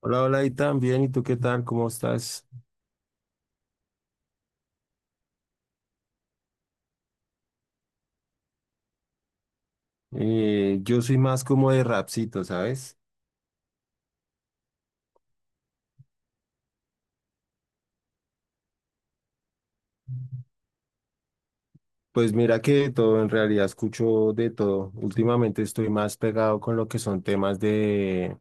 Hola, hola, y también, ¿y tú qué tal? ¿Cómo estás? Yo soy más como de rapcito, ¿sabes? Pues mira que de todo, en realidad escucho de todo. Últimamente estoy más pegado con lo que son temas de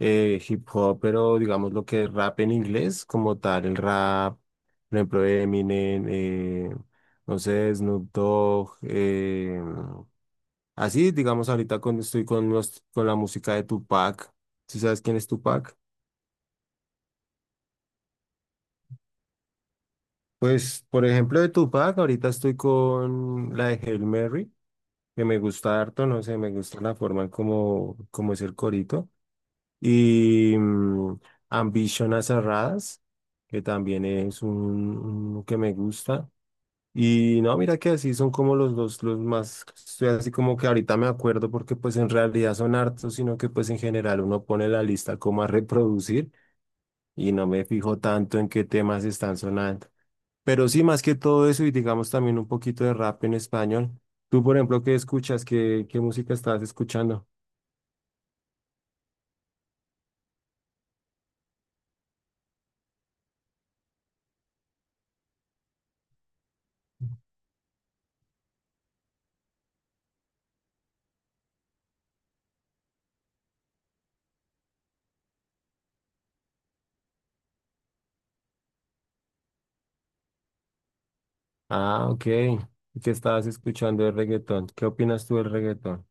hip hop, pero digamos lo que es rap en inglés, como tal, el rap, por ejemplo, Eminem, no sé, Snoop Dogg, así, digamos, estoy con, con la música de Tupac. ¿Sí sabes quién es Tupac? Pues, por ejemplo, de Tupac, ahorita estoy con la de Hail Mary, que me gusta harto, no sé, me gusta la forma en cómo es el corito. Y Ambition a Cerradas, que también es un que me gusta. Y no, mira que así son como los dos, los más, estoy así como que ahorita me acuerdo porque pues en realidad son hartos, sino que pues en general uno pone la lista como a reproducir y no me fijo tanto en qué temas están sonando. Pero sí, más que todo eso y digamos también un poquito de rap en español. Tú, por ejemplo, ¿qué escuchas? Qué música estabas escuchando? Ah, ok. ¿Y qué estabas escuchando de reggaetón? ¿Qué opinas tú del reggaetón?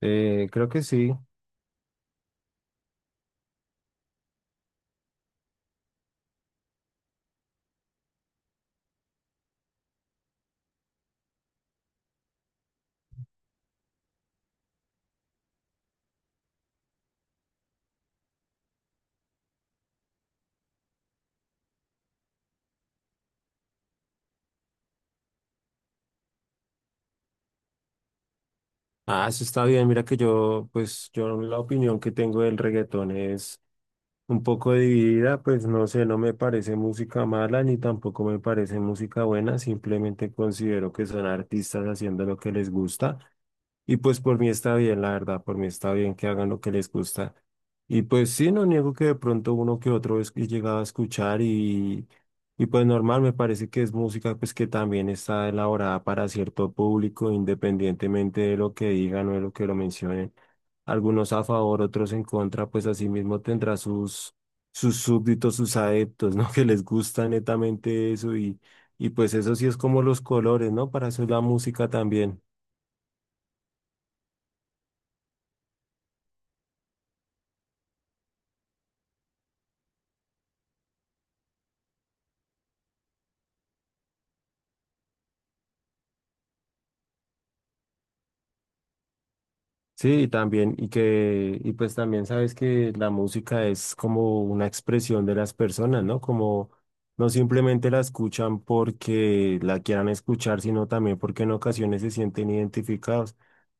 Creo que sí. Ah, eso está bien. Mira que yo, pues yo la opinión que tengo del reggaetón es un poco dividida, pues no sé, no me parece música mala ni tampoco me parece música buena, simplemente considero que son artistas haciendo lo que les gusta. Y pues por mí está bien, la verdad, por mí está bien que hagan lo que les gusta. Y pues sí, no niego que de pronto uno que otro es que he llegado a escuchar y pues normal, me parece que es música pues que también está elaborada para cierto público, independientemente de lo que digan o de lo que lo mencionen. Algunos a favor, otros en contra, pues así mismo tendrá sus, sus súbditos, sus adeptos, ¿no? Que les gusta netamente eso y pues eso sí es como los colores, ¿no? Para eso es la música también. Sí, y pues también sabes que la música es como una expresión de las personas, ¿no? Como no simplemente la escuchan porque la quieran escuchar, sino también porque en ocasiones se sienten identificados,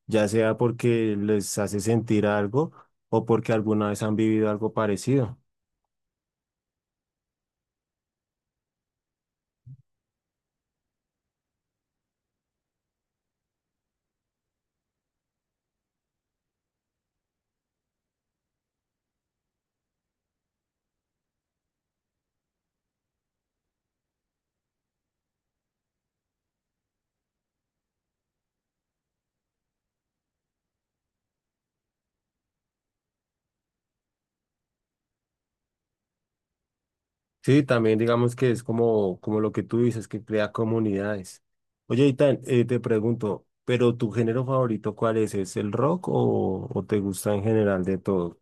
ya sea porque les hace sentir algo o porque alguna vez han vivido algo parecido. Sí, también digamos que es como, como lo que tú dices, que crea comunidades. Oye, Itán, te pregunto, ¿pero tu género favorito cuál es? ¿Es el rock o te gusta en general de todo?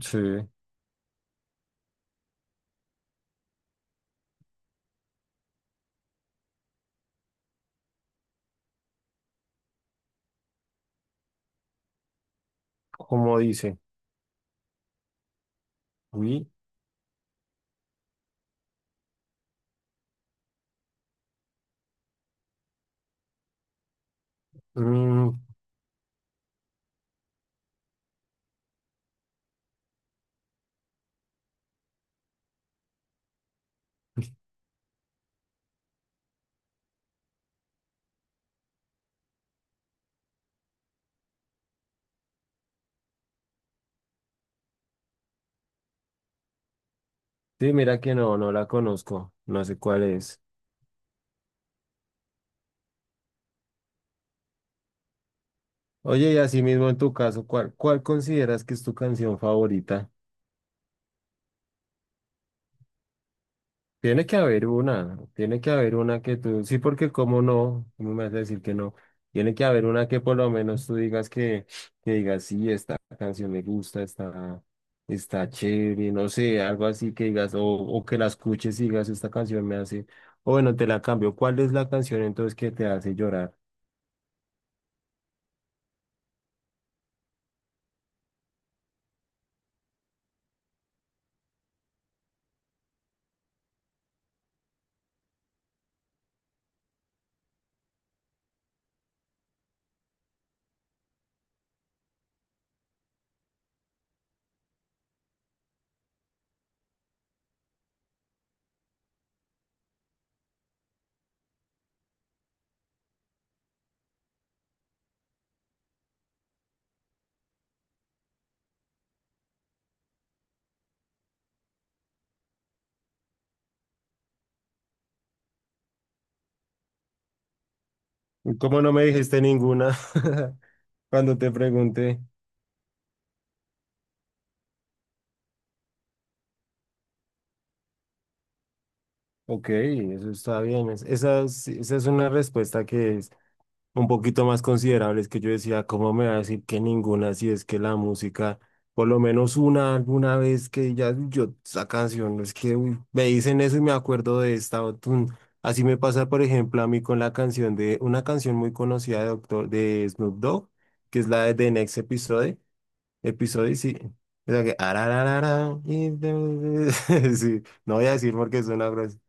Sí. Como dice? Uy, mm, sí, mira que no, no la conozco, no sé cuál es. Oye, y así mismo en tu caso, cuál consideras que es tu canción favorita? Tiene que haber una, tiene que haber una que tú, sí, porque cómo no, cómo me vas a decir que no, tiene que haber una que por lo menos tú digas que digas, sí, esta canción me gusta, está, está chévere, no sé, algo así que digas, o que la escuches y digas, esta canción me hace, o bueno, te la cambio, ¿cuál es la canción entonces que te hace llorar? ¿Y cómo no me dijiste ninguna cuando te pregunté? Ok, eso está bien, esa, esa es una respuesta que un poquito más considerables que yo decía, ¿cómo me va a decir que ninguna? Si es que la música, por lo menos una alguna vez que ya yo esa canción, es que uy, me dicen eso y me acuerdo de esta. O tun. Así me pasa, por ejemplo, a mí con la canción de una canción muy conocida de, Doctor, de Snoop Dogg, que es la de The Next Episode. Episode, sí. O sea que, arararara, sí, no voy a decir porque suena grosero.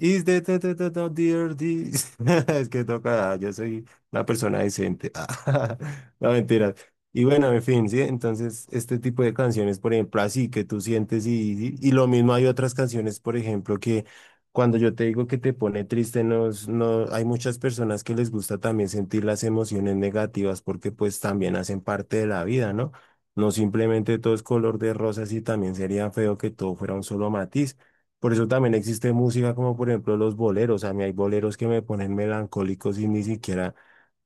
Is the dear this- Es que toca, yo soy una persona decente. Ah, no, mentiras. Y bueno, en fin, sí, entonces este tipo de canciones, por ejemplo, así que tú sientes y lo mismo hay otras canciones, por ejemplo, que cuando yo te digo que te pone triste, no, no, hay muchas personas que les gusta también sentir las emociones negativas porque pues también hacen parte de la vida, ¿no? No simplemente todo es color de rosas y también sería feo que todo fuera un solo matiz. Por eso también existe música como por ejemplo los boleros. A mí hay boleros que me ponen melancólico sin ni siquiera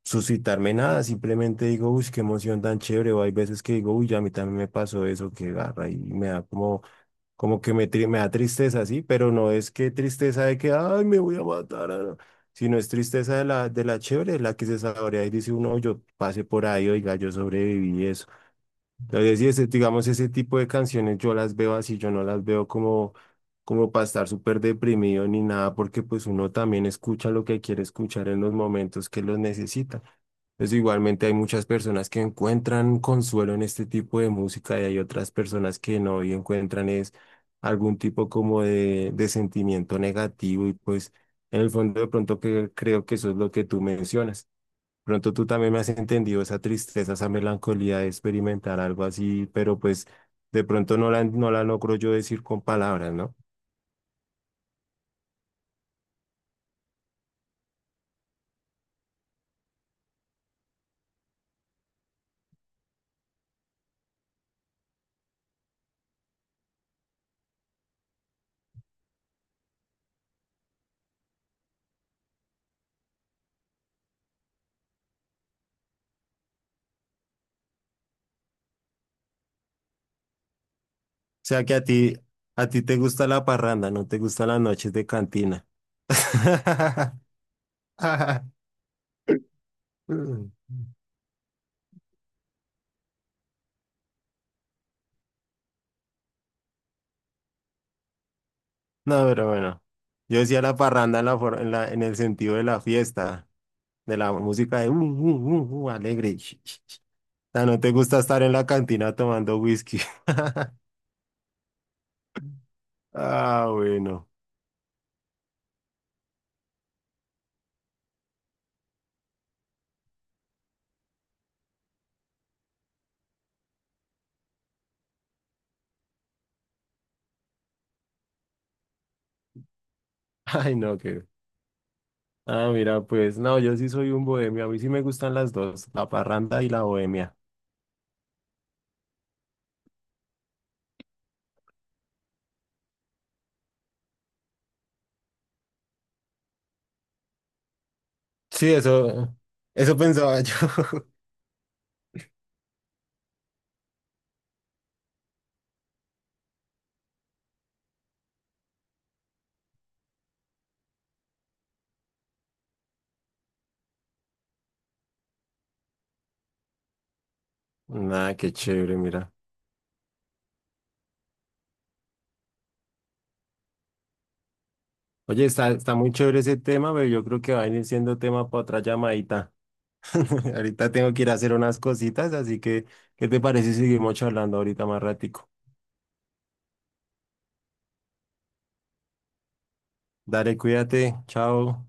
suscitarme nada. Simplemente digo, uy, qué emoción tan chévere. O hay veces que digo, uy, a mí también me pasó eso, que garra. Y me da como, como que me da tristeza, sí, pero no es que tristeza de que, ay, me voy a matar. Ah, no, sino es tristeza de la chévere, la que se saborea y dice uno, yo pasé por ahí, oiga, yo sobreviví eso. Entonces, y ese, digamos, ese tipo de canciones yo las veo así, yo no las veo como, como para estar súper deprimido ni nada, porque pues uno también escucha lo que quiere escuchar en los momentos que los necesita. Entonces, igualmente hay muchas personas que encuentran consuelo en este tipo de música y hay otras personas que no y encuentran es algún tipo como de sentimiento negativo y pues en el fondo de pronto que creo que eso es lo que tú mencionas. Pronto tú también me has entendido esa tristeza, esa melancolía de experimentar algo así, pero pues de pronto no la logro yo decir con palabras, ¿no? O sea que a ti te gusta la parranda, no te gustan las noches de cantina. No, pero bueno, yo decía la parranda en la, en el sentido de la fiesta, de la música de alegre. O sea, no te gusta estar en la cantina tomando whisky. Ah, bueno. Ay, no, que. Ah, mira, pues no, yo sí soy un bohemio. A mí sí me gustan las dos, la parranda y la bohemia. Sí, eso pensaba yo. Nada, qué chévere, mira. Oye, está, está muy chévere ese tema, pero yo creo que va a venir siendo tema para otra llamadita. Ahorita tengo que ir a hacer unas cositas, así que, ¿qué te parece si seguimos charlando ahorita más ratico? Dale, cuídate, chao.